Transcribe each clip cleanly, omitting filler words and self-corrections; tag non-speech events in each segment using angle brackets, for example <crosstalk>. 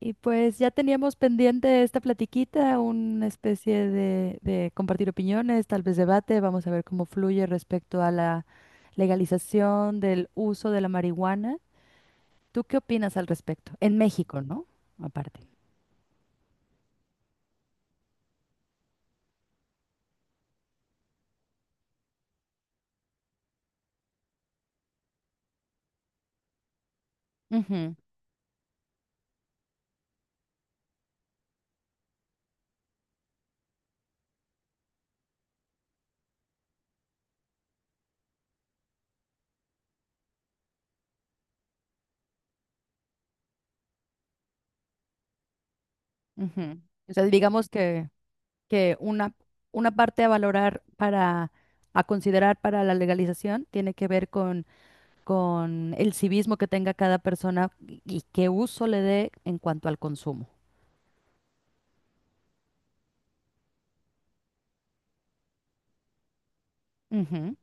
Y pues ya teníamos pendiente esta platiquita, una especie de compartir opiniones, tal vez debate. Vamos a ver cómo fluye respecto a la legalización del uso de la marihuana. ¿Tú qué opinas al respecto? En México, ¿no? Aparte. Ujú, ujú. O sea, digamos que una parte a valorar a considerar para la legalización tiene que ver con el civismo que tenga cada persona y qué uso le dé en cuanto al consumo. Ujú.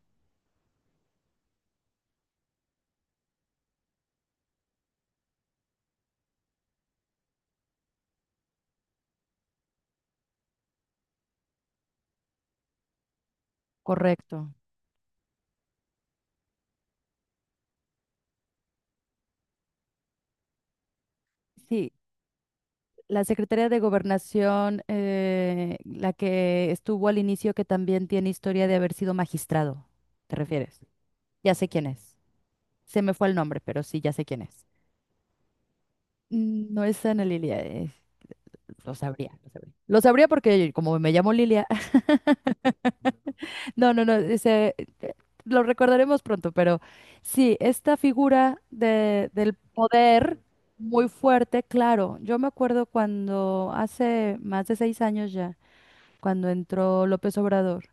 Correcto. Sí, la Secretaría de Gobernación, la que estuvo al inicio, que también tiene historia de haber sido magistrado, ¿te refieres? Ya sé quién es. Se me fue el nombre, pero sí, ya sé quién es. Mm, no es Ana Lilia, lo sabría. Lo sabría porque como me llamo Lilia, no, no, no, ese, eh, lo recordaremos pronto, pero sí, esta figura del poder muy fuerte, claro. Yo me acuerdo cuando hace más de 6 años ya, cuando entró López Obrador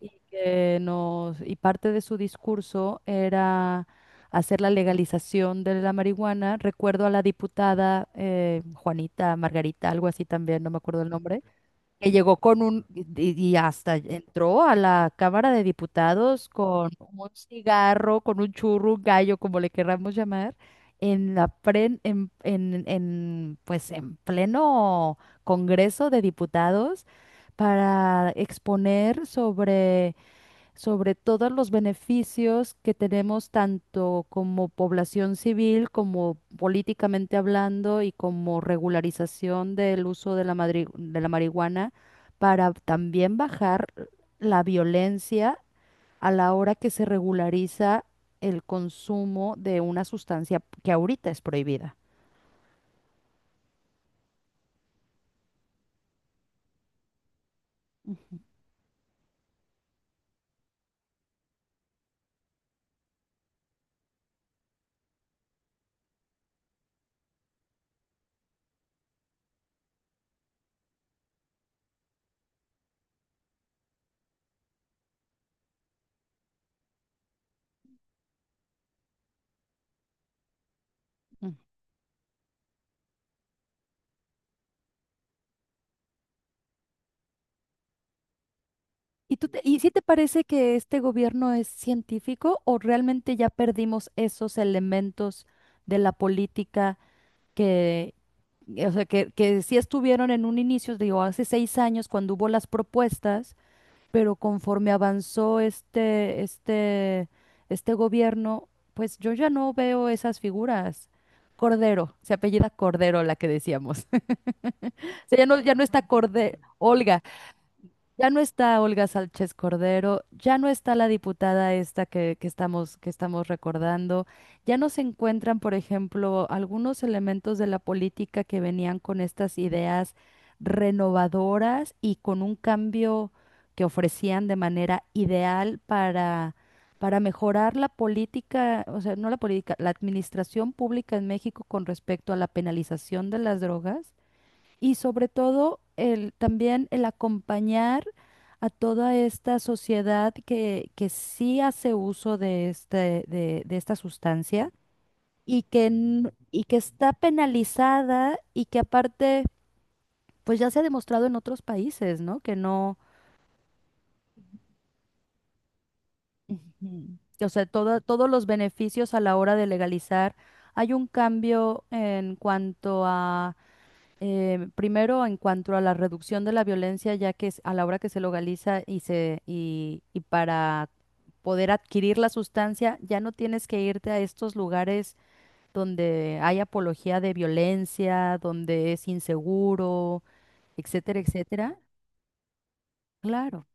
y que nos, y parte de su discurso era hacer la legalización de la marihuana. Recuerdo a la diputada Juanita, Margarita, algo así también, no me acuerdo el nombre, que llegó con un, y hasta entró a la Cámara de Diputados con un cigarro, con un churro, un gallo, como le querramos llamar, en la pren- en, pues en pleno Congreso de Diputados para exponer sobre todos los beneficios que tenemos tanto como población civil, como políticamente hablando y como regularización del uso de la marihuana para también bajar la violencia a la hora que se regulariza el consumo de una sustancia que ahorita es prohibida. Mm. ¿Y Y si te parece que este gobierno es científico o realmente ya perdimos esos elementos de la política? Que, o sea, que sí estuvieron en un inicio, digo, hace 6 años cuando hubo las propuestas, pero conforme avanzó este gobierno, pues yo ya no veo esas figuras. Cordero, se apellida Cordero la que decíamos. <laughs> O sea, ya no está Cordero, Olga, ya no está Olga Sánchez Cordero, ya no está la diputada esta que estamos recordando, ya no se encuentran, por ejemplo, algunos elementos de la política que venían con estas ideas renovadoras y con un cambio que ofrecían de manera ideal para mejorar la política. O sea, no la política, la administración pública en México con respecto a la penalización de las drogas y sobre todo el, también el acompañar a toda esta sociedad que sí hace uso de esta sustancia y que está penalizada y que aparte, pues ya se ha demostrado en otros países, ¿no? Que no. Ujú. O sea, todos los beneficios a la hora de legalizar. Hay un cambio en cuanto a, primero, en cuanto a la reducción de la violencia, ya que a la hora que se legaliza y para poder adquirir la sustancia, ya no tienes que irte a estos lugares donde hay apología de violencia, donde es inseguro, etcétera, etcétera. Claro.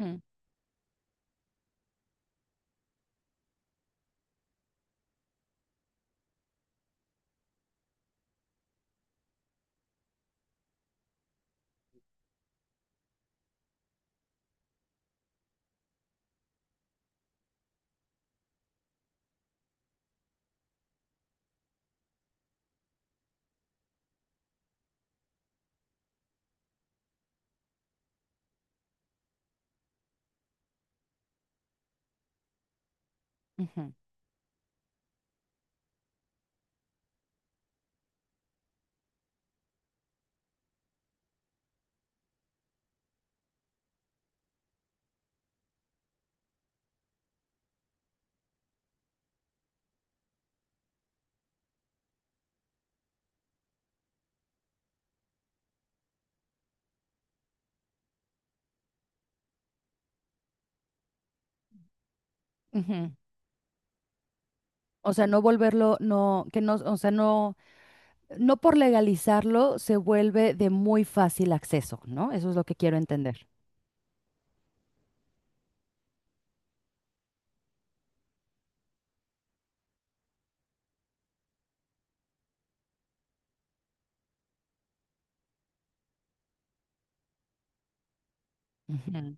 Mm, ujú, ujú. O sea, no volverlo, no, que no, o sea, no, no por legalizarlo se vuelve de muy fácil acceso, ¿no? Eso es lo que quiero entender. Ujú.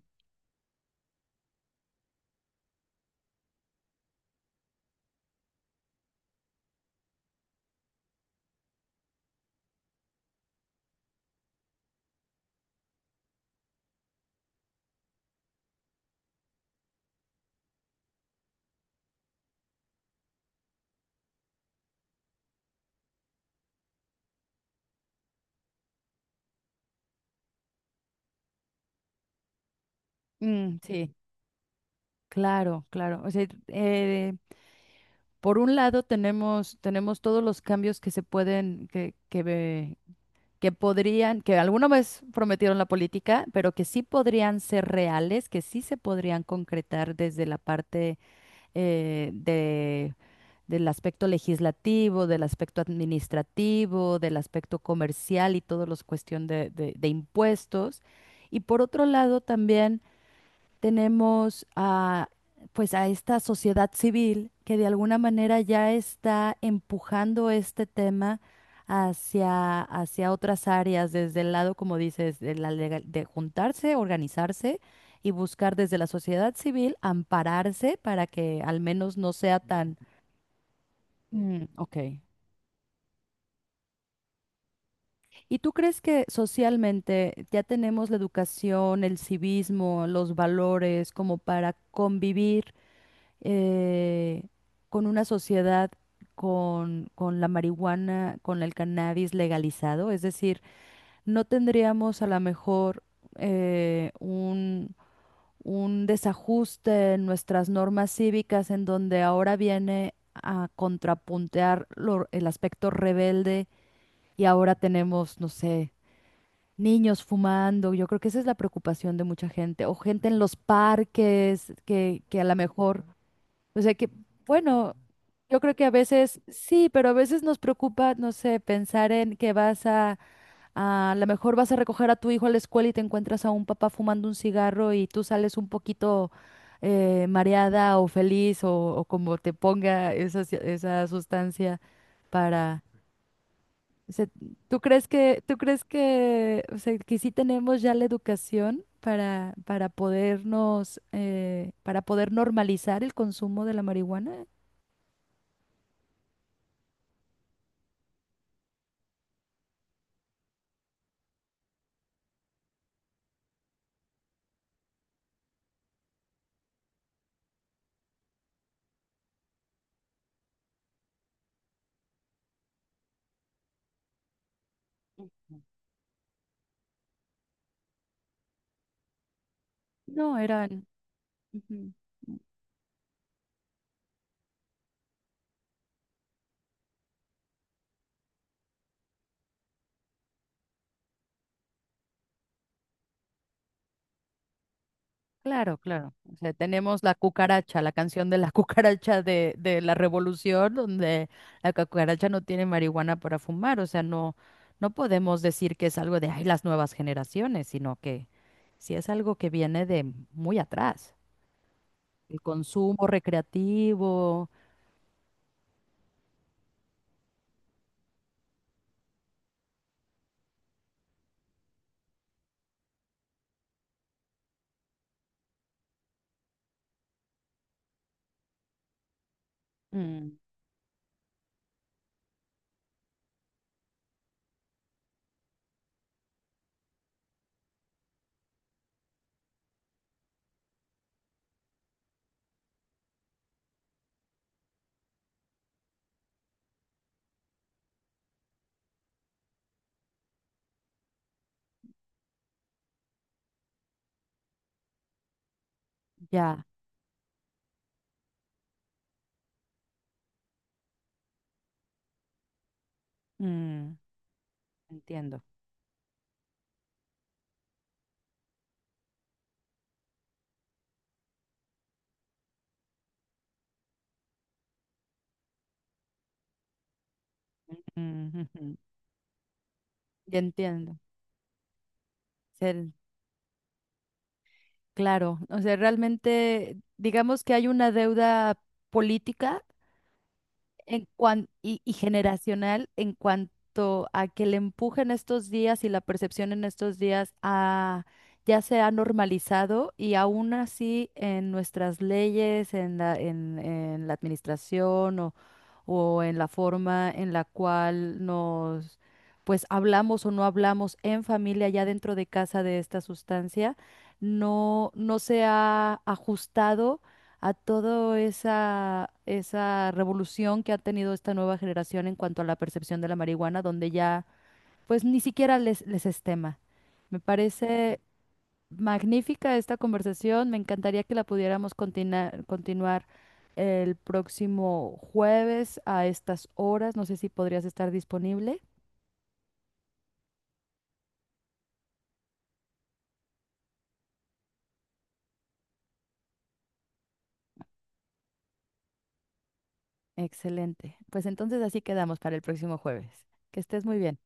Mm, sí. Claro, claro. O sea, por un lado tenemos todos los cambios que se pueden, que podrían, que alguna vez prometieron la política, pero que sí podrían ser reales, que sí se podrían concretar desde la parte, eh, de, del aspecto legislativo, del aspecto administrativo, del aspecto comercial y todos los cuestión de impuestos. Y por otro lado también tenemos pues a esta sociedad civil que de alguna manera ya está empujando este tema hacia otras áreas, desde el lado, como dices, de juntarse, organizarse y buscar desde la sociedad civil ampararse para que al menos no sea tan. Mm, ok. ¿Y tú crees que socialmente ya tenemos la educación, el civismo, los valores como para convivir, eh, con una sociedad con la marihuana, con el cannabis legalizado? Es decir, no tendríamos a lo mejor, eh, un, un desajuste en nuestras normas cívicas en donde ahora viene a contrapuntear el aspecto rebelde y ahora tenemos, no sé. Niños fumando, yo creo que esa es la preocupación de mucha gente, o gente en los parques que a lo mejor, o sea que, bueno, yo creo que a veces sí, pero a veces nos preocupa, no sé, pensar en que vas a lo mejor vas a recoger a tu hijo a la escuela y te encuentras a un papá fumando un cigarro y tú sales un poquito, mareada o feliz o, como te ponga esa, esa sustancia para. O sea, ¿tú crees que, o sea, que sí tenemos ya la educación para para poder normalizar el consumo de la marihuana? No, eran. Ujú. Claro, claro. O sea, tenemos la cucaracha, la canción de la <laughs> cucaracha de la revolución, donde la cucaracha no tiene marihuana para fumar. O sea, no, no podemos decir que es algo de, ay, las nuevas generaciones, sino que sí es algo que viene de muy atrás. El consumo recreativo. Mm, ya, mm, entiendo. Mm, ujú, ya entiendo. Claro, o sea, realmente digamos que hay una deuda política y generacional en cuanto a que el empuje en estos días y la percepción en estos días ya se ha normalizado y aún así en nuestras leyes, en la administración o en la forma en la cual nos pues hablamos o no hablamos en familia, ya dentro de casa de esta sustancia, no, no se ha ajustado a toda esa revolución que ha tenido esta nueva generación en cuanto a la percepción de la marihuana, donde ya pues ni siquiera les es tema. Me parece magnífica esta conversación, me encantaría que la pudiéramos continuar el próximo jueves a estas horas, no sé si podrías estar disponible. Excelente. Pues entonces así quedamos para el próximo jueves. Que estés muy bien.